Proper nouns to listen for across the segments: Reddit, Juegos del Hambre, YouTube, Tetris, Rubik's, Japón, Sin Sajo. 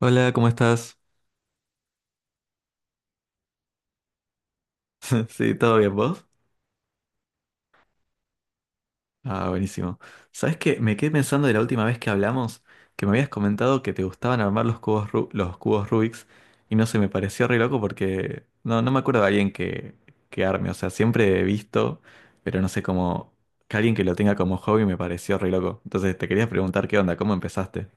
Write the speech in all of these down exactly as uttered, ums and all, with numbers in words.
Hola, ¿cómo estás? Sí, ¿todo bien vos? Ah, buenísimo. ¿Sabes qué? Me quedé pensando de la última vez que hablamos que me habías comentado que te gustaban armar los cubos, Ru- los cubos Rubik's y no sé, me pareció re loco porque no, no me acuerdo de alguien que, que arme. O sea, siempre he visto, pero no sé cómo que alguien que lo tenga como hobby me pareció re loco. Entonces te quería preguntar qué onda, cómo empezaste.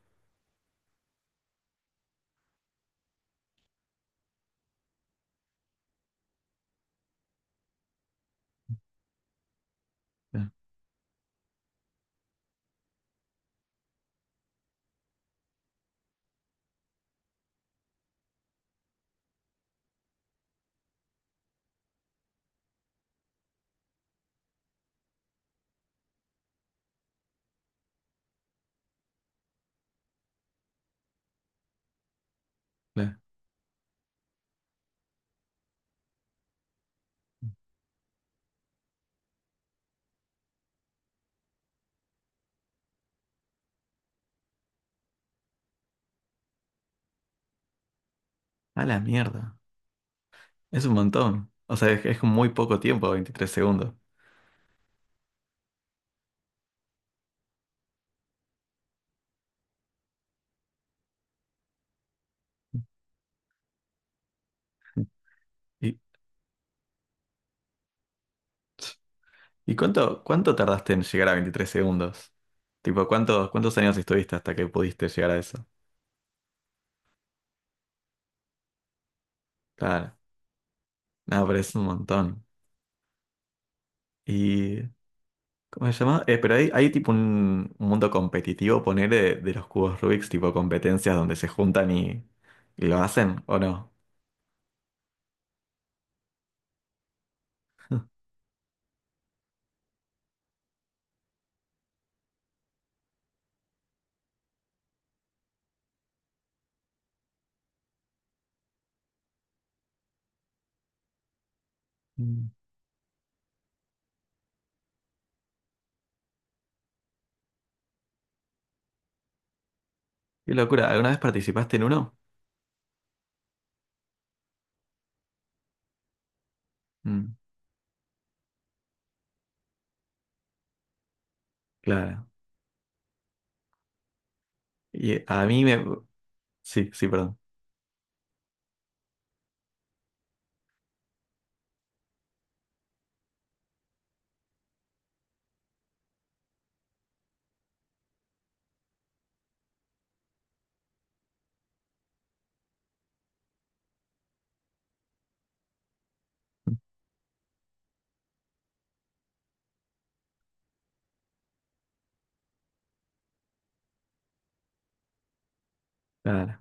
Claro, claro. A la mierda. Es un montón. O sea, es, es muy poco tiempo, veintitrés segundos. Y, ¿Y cuánto, cuánto tardaste en llegar a veintitrés segundos? Tipo, ¿cuántos, cuántos años estuviste hasta que pudiste llegar a eso? Claro, nada, pero es un montón. ¿Y cómo se llama? Eh, pero hay, hay tipo un, un mundo competitivo, poner de, de los cubos Rubik's, tipo competencias donde se juntan y, y lo hacen, ¿o no? Mm. Qué locura, ¿alguna vez participaste en uno? Mm, claro. Y a mí me. Sí, sí, perdón. Claro.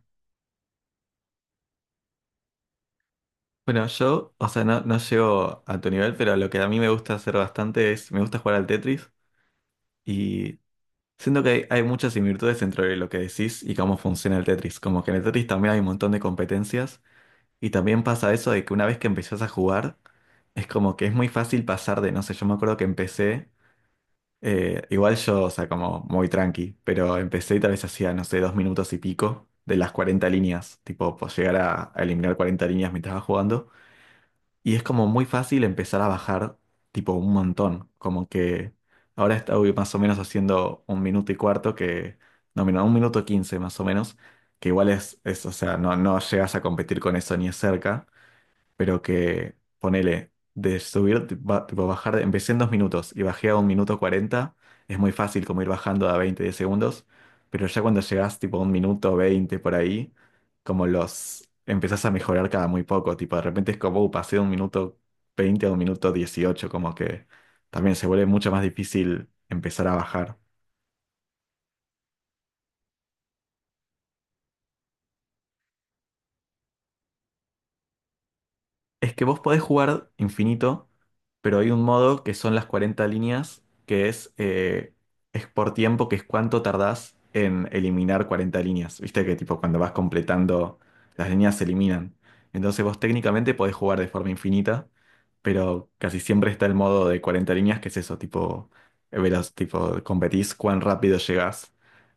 Bueno, yo, o sea, no, no llego a tu nivel, pero lo que a mí me gusta hacer bastante es, me gusta jugar al Tetris. Y siento que hay, hay muchas similitudes entre lo que decís y cómo funciona el Tetris. Como que en el Tetris también hay un montón de competencias y también pasa eso de que una vez que empezás a jugar, es como que es muy fácil pasar de, no sé, yo me acuerdo que empecé, eh, igual yo, o sea, como muy tranqui, pero empecé y tal vez hacía, no sé, dos minutos y pico de las cuarenta líneas, tipo, pues llegar a, a eliminar cuarenta líneas mientras estaba jugando. Y es como muy fácil empezar a bajar tipo un montón. Como que ahora estoy más o menos haciendo un minuto y cuarto que. No, mira, un minuto quince más o menos. Que igual es, es, o sea, no, no llegas a competir con eso ni es cerca, pero que ponele, de subir, ba- tipo bajar, empecé en dos minutos y bajé a un minuto cuarenta, es muy fácil como ir bajando a veinte de segundos, pero ya cuando llegás tipo a un minuto veinte por ahí, como los empezás a mejorar cada muy poco, tipo de repente es como, "Uh, pasé de un minuto veinte a un minuto dieciocho", como que también se vuelve mucho más difícil empezar a bajar. Es que vos podés jugar infinito, pero hay un modo que son las cuarenta líneas, que es, eh, es por tiempo, que es cuánto tardás en eliminar cuarenta líneas. Viste que tipo cuando vas completando, las líneas se eliminan. Entonces vos técnicamente podés jugar de forma infinita, pero casi siempre está el modo de cuarenta líneas, que es eso, tipo, eh, veloz, tipo, competís cuán rápido llegás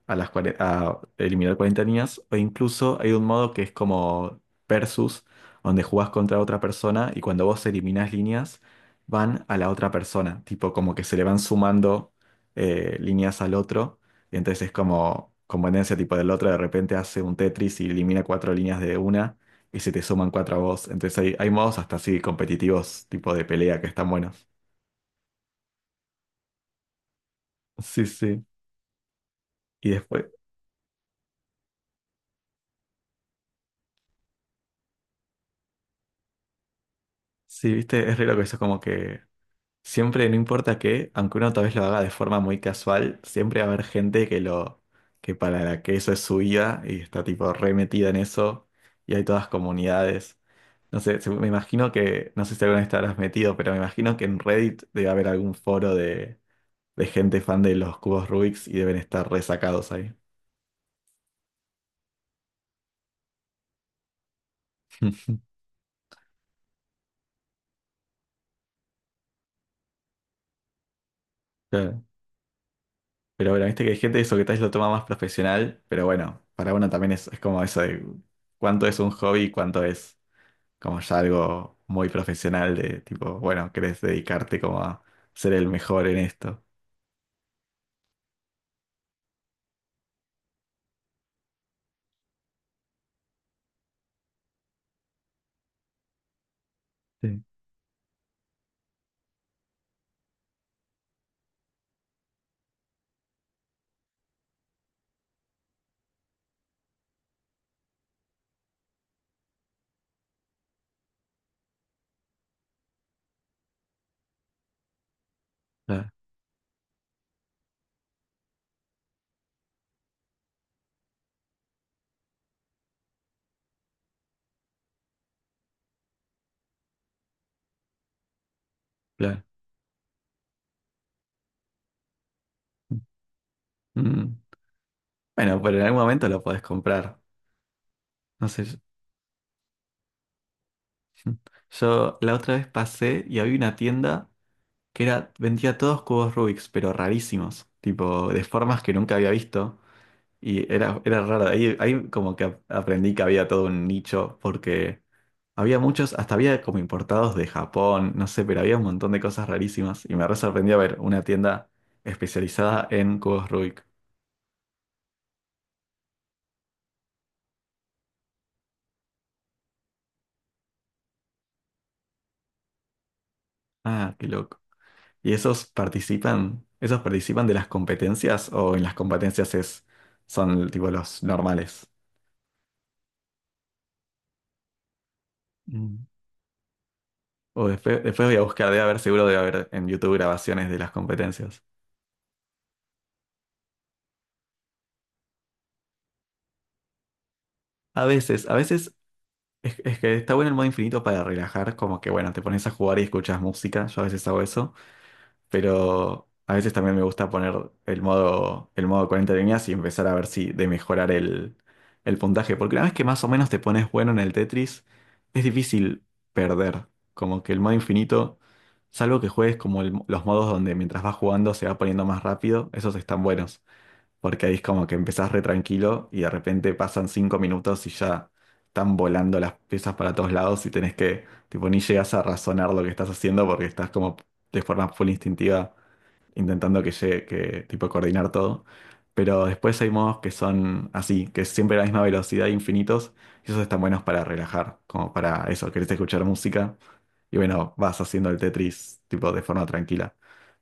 a las cuare- a eliminar cuarenta líneas, o incluso hay un modo que es como versus donde jugás contra otra persona y cuando vos eliminás líneas, van a la otra persona, tipo como que se le van sumando eh, líneas al otro, y entonces es como conveniencia tipo del otro, de repente hace un Tetris y elimina cuatro líneas de una y se te suman cuatro a vos, entonces hay, hay modos hasta así competitivos, tipo de pelea, que están buenos. Sí, sí. Y después, sí, viste, es re loco eso, como que siempre, no importa qué, aunque uno tal vez lo haga de forma muy casual, siempre va a haber gente que lo, que para la que eso es su vida y está tipo re metida en eso y hay todas comunidades. No sé, se- me imagino que, no sé si alguna vez te habrás metido, pero me imagino que en Reddit debe haber algún foro de, de gente fan de los cubos Rubik's y deben estar resacados ahí. Claro. Pero bueno, viste que hay gente eso que tal vez lo toma más profesional, pero bueno, para uno también es, es como eso de cuánto es un hobby y cuánto es, como ya algo muy profesional de tipo, bueno, querés dedicarte como a ser el mejor en esto. Sí. Claro, claro. Mm. Bueno, pero en algún momento lo podés comprar. No sé, yo, yo la otra vez pasé y había una tienda que era, vendía todos cubos Rubik's, pero rarísimos, tipo de formas que nunca había visto. Y era, era raro. Ahí, ahí como que ap- aprendí que había todo un nicho porque había muchos, hasta había como importados de Japón, no sé, pero había un montón de cosas rarísimas y me re sorprendió ver una tienda especializada en cubos Rubik. Ah, qué loco. ¿Y esos participan, esos participan de las competencias o en las competencias es, son tipo los normales? Mm. O después, después voy a buscar, debe haber, seguro debe haber en YouTube grabaciones de las competencias. A veces, a veces es, es que está bueno el modo infinito para relajar, como que bueno, te pones a jugar y escuchas música, yo a veces hago eso. Pero a veces también me gusta poner el modo, el modo cuarenta líneas y empezar a ver si de mejorar el, el puntaje, porque una vez que más o menos te pones bueno en el Tetris, es difícil perder, como que el modo infinito, salvo que juegues como el- los modos donde mientras vas jugando se va poniendo más rápido, esos están buenos, porque ahí es como que empezás re tranquilo y de repente pasan cinco minutos y ya están volando las piezas para todos lados y tenés que, tipo, ni llegas a razonar lo que estás haciendo porque estás como de forma full instintiva intentando que llegue, que tipo coordinar todo. Pero después hay modos que son así, que es siempre la misma velocidad, infinitos, y esos están buenos para relajar, como para eso, querés escuchar música, y bueno, vas haciendo el Tetris tipo de forma tranquila.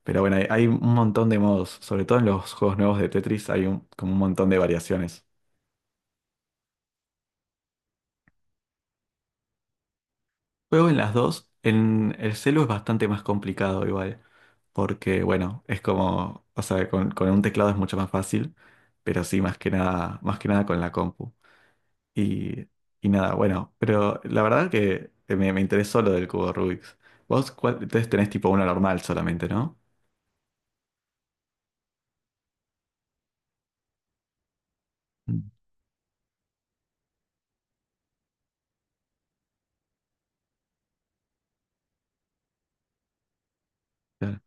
Pero bueno, hay, hay un montón de modos, sobre todo en los juegos nuevos de Tetris hay un- como un montón de variaciones. Juego en las dos. En el celu es bastante más complicado igual, porque bueno, es como, o sea, con, con un teclado es mucho más fácil, pero sí, más que nada, más que nada con la compu. Y, y nada, bueno, pero la verdad que eh, me, me interesó lo del cubo Rubik's. Vos, cuál- entonces tenés tipo uno normal solamente, ¿no? Mm, claro.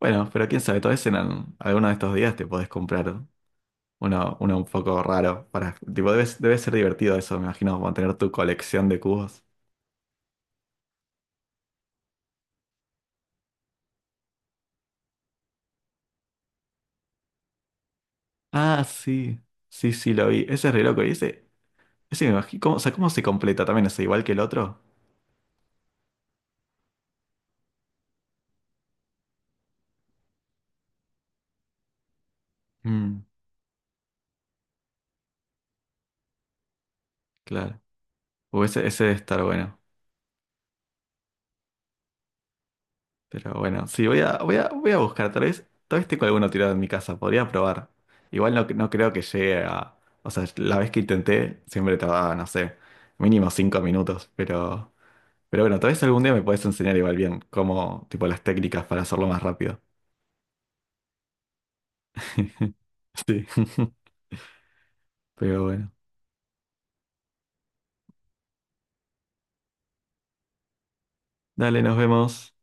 Bueno, pero quién sabe, tal vez en al- alguno de estos días te podés comprar uno, uno un poco raro para, tipo, debe, debe ser divertido eso, me imagino, mantener tu colección de cubos. Ah, sí. Sí, sí, lo vi. Ese es re loco. Y ese, ese me imagino. ¿Cómo, o sea, ¿cómo se completa también? ¿Es igual que el otro? Mm, claro. O ese, ese debe estar bueno. Pero bueno, sí, voy a, voy a, voy a buscar. Tal vez, tal vez tengo alguno tirado en mi casa. Podría probar. Igual no, no creo que llegue a. O sea, la vez que intenté, siempre tardaba, no sé, mínimo cinco minutos. Pero, pero bueno, tal vez algún día me puedes enseñar igual bien cómo, tipo, las técnicas para hacerlo más rápido. Sí. Pero bueno. Dale, nos vemos.